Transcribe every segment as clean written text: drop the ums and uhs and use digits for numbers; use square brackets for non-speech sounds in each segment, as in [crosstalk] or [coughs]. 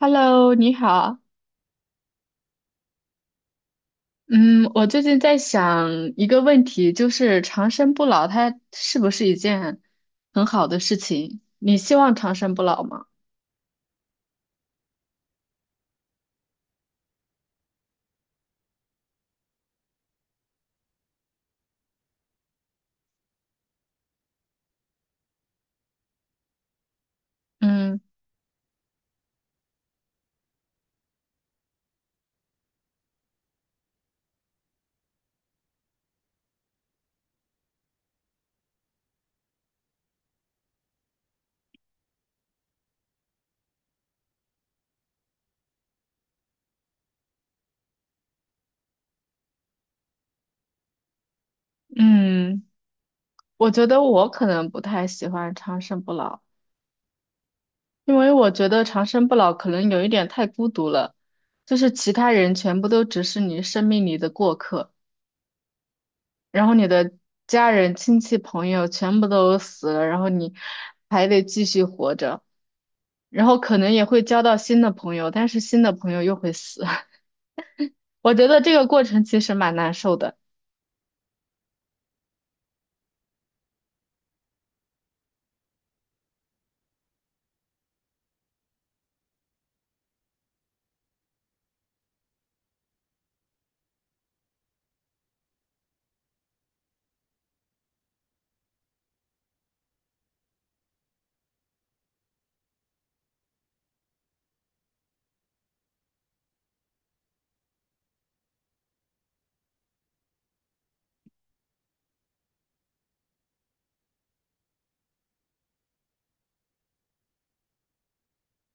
Hello，你好。嗯，我最近在想一个问题，就是长生不老，它是不是一件很好的事情？你希望长生不老吗？嗯嗯，我觉得我可能不太喜欢长生不老，因为我觉得长生不老可能有一点太孤独了，就是其他人全部都只是你生命里的过客。然后你的家人、亲戚、朋友全部都死了，然后你还得继续活着。然后可能也会交到新的朋友，但是新的朋友又会死。[laughs] 我觉得这个过程其实蛮难受的，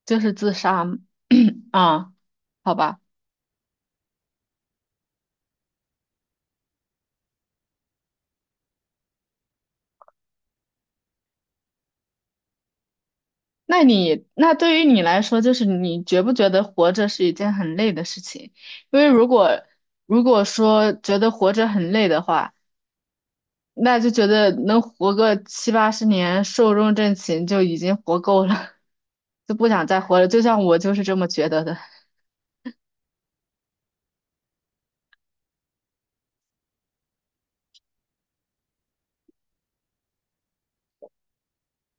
就是自杀嘛。 [coughs] [clears throat] 啊，好吧。那你那对于你来说，就是你觉不觉得活着是一件很累的事情？因为如果说觉得活着很累的话，那就觉得能活个七八十年，寿终正寝就已经活够了，[laughs] 就不想再活了。就像我就是这么觉得的。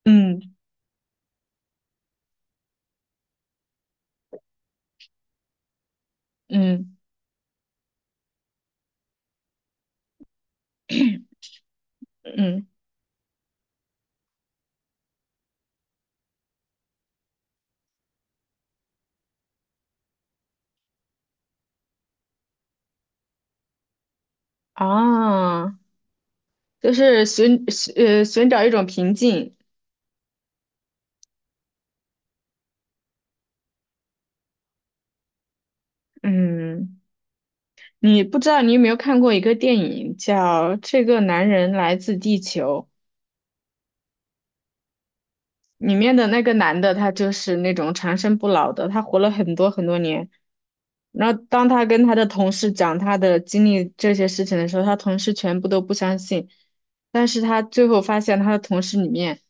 嗯嗯嗯啊。就是寻找一种平静。嗯，你不知道你有没有看过一个电影叫《这个男人来自地球》，里面的那个男的他就是那种长生不老的，他活了很多很多年，然后当他跟他的同事讲他的经历这些事情的时候，他同事全部都不相信。但是他最后发现他的同事里面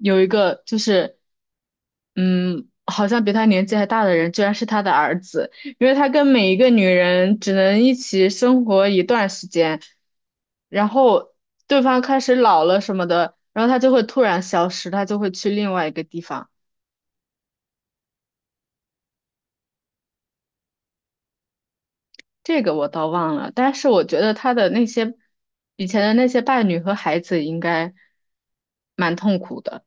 有一个就是，嗯，好像比他年纪还大的人，居然是他的儿子，因为他跟每一个女人只能一起生活一段时间，然后对方开始老了什么的，然后他就会突然消失，他就会去另外一个地方。这个我倒忘了，但是我觉得他的那些以前的那些伴侣和孩子应该蛮痛苦的。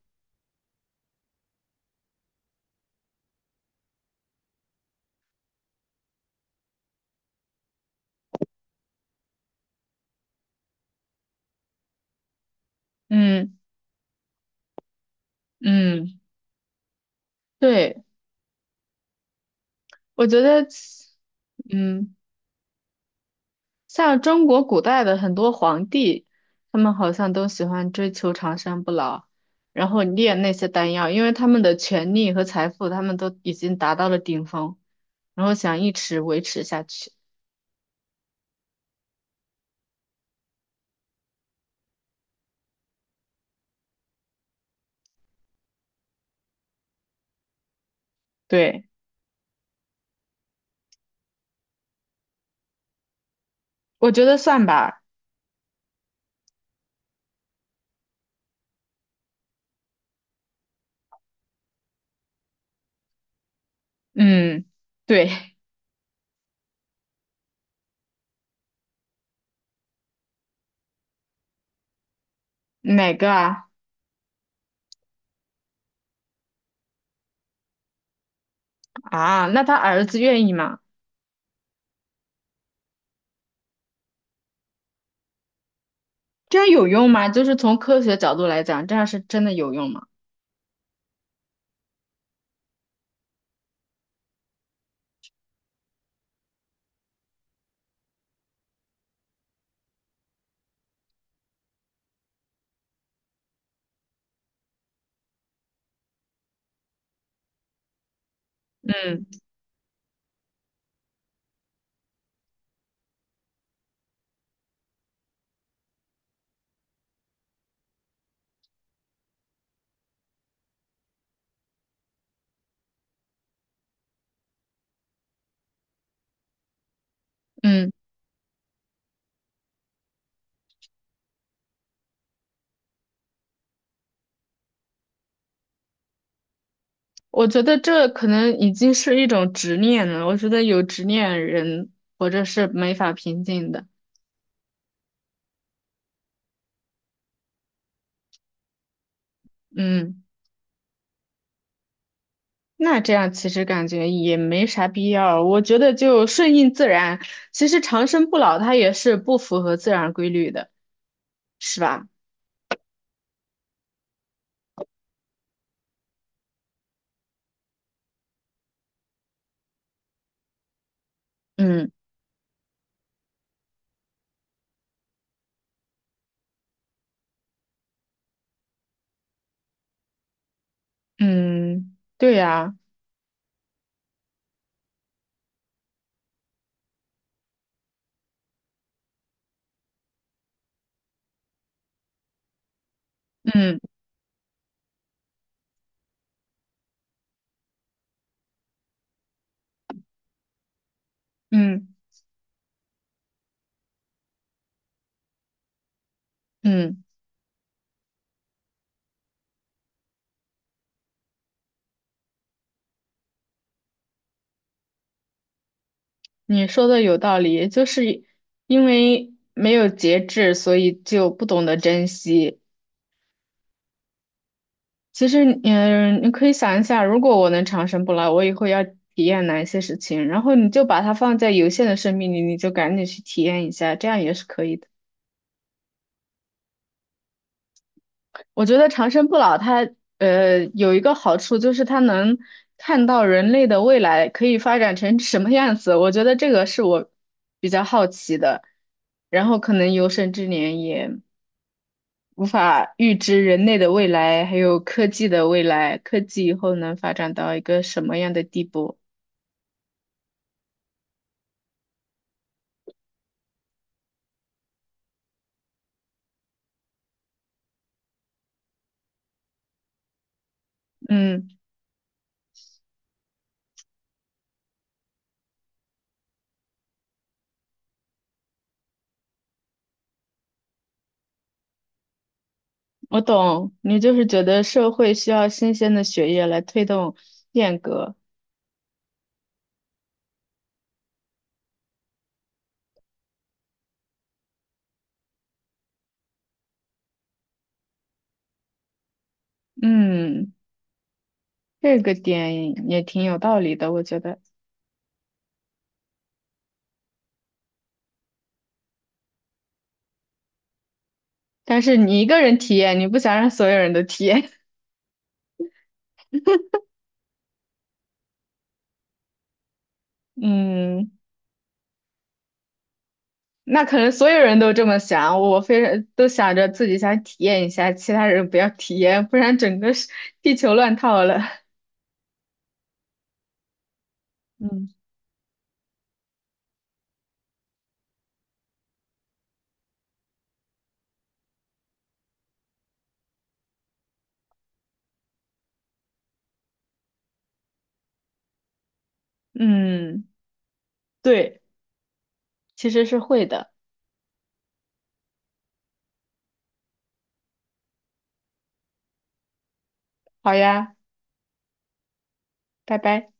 嗯嗯，对，我觉得，嗯，像中国古代的很多皇帝，他们好像都喜欢追求长生不老，然后炼那些丹药，因为他们的权力和财富，他们都已经达到了顶峰，然后想一直维持下去。对，我觉得算吧。嗯，对，[laughs] 哪个啊？啊，那他儿子愿意吗？这样有用吗？就是从科学角度来讲，这样是真的有用吗？嗯嗯，我觉得这可能已经是一种执念了。我觉得有执念人活着是没法平静的。嗯，那这样其实感觉也没啥必要。我觉得就顺应自然。其实长生不老它也是不符合自然规律的，是吧？嗯嗯，对呀，嗯嗯嗯。你说的有道理，就是因为没有节制，所以就不懂得珍惜。其实，嗯，你可以想一下，如果我能长生不老，我以后要体验哪些事情，然后你就把它放在有限的生命里，你就赶紧去体验一下，这样也是可以的。我觉得长生不老它，有一个好处就是它能看到人类的未来可以发展成什么样子，我觉得这个是我比较好奇的，然后可能有生之年也无法预知人类的未来，还有科技的未来，科技以后能发展到一个什么样的地步？嗯，我懂，你就是觉得社会需要新鲜的血液来推动变革。嗯，这个点也挺有道理的，我觉得。但是你一个人体验，你不想让所有人都体验。[laughs] 嗯，那可能所有人都这么想，我非常都想着自己想体验一下，其他人不要体验，不然整个是地球乱套了。[laughs] 嗯。嗯，对，其实是会的。好呀，拜拜。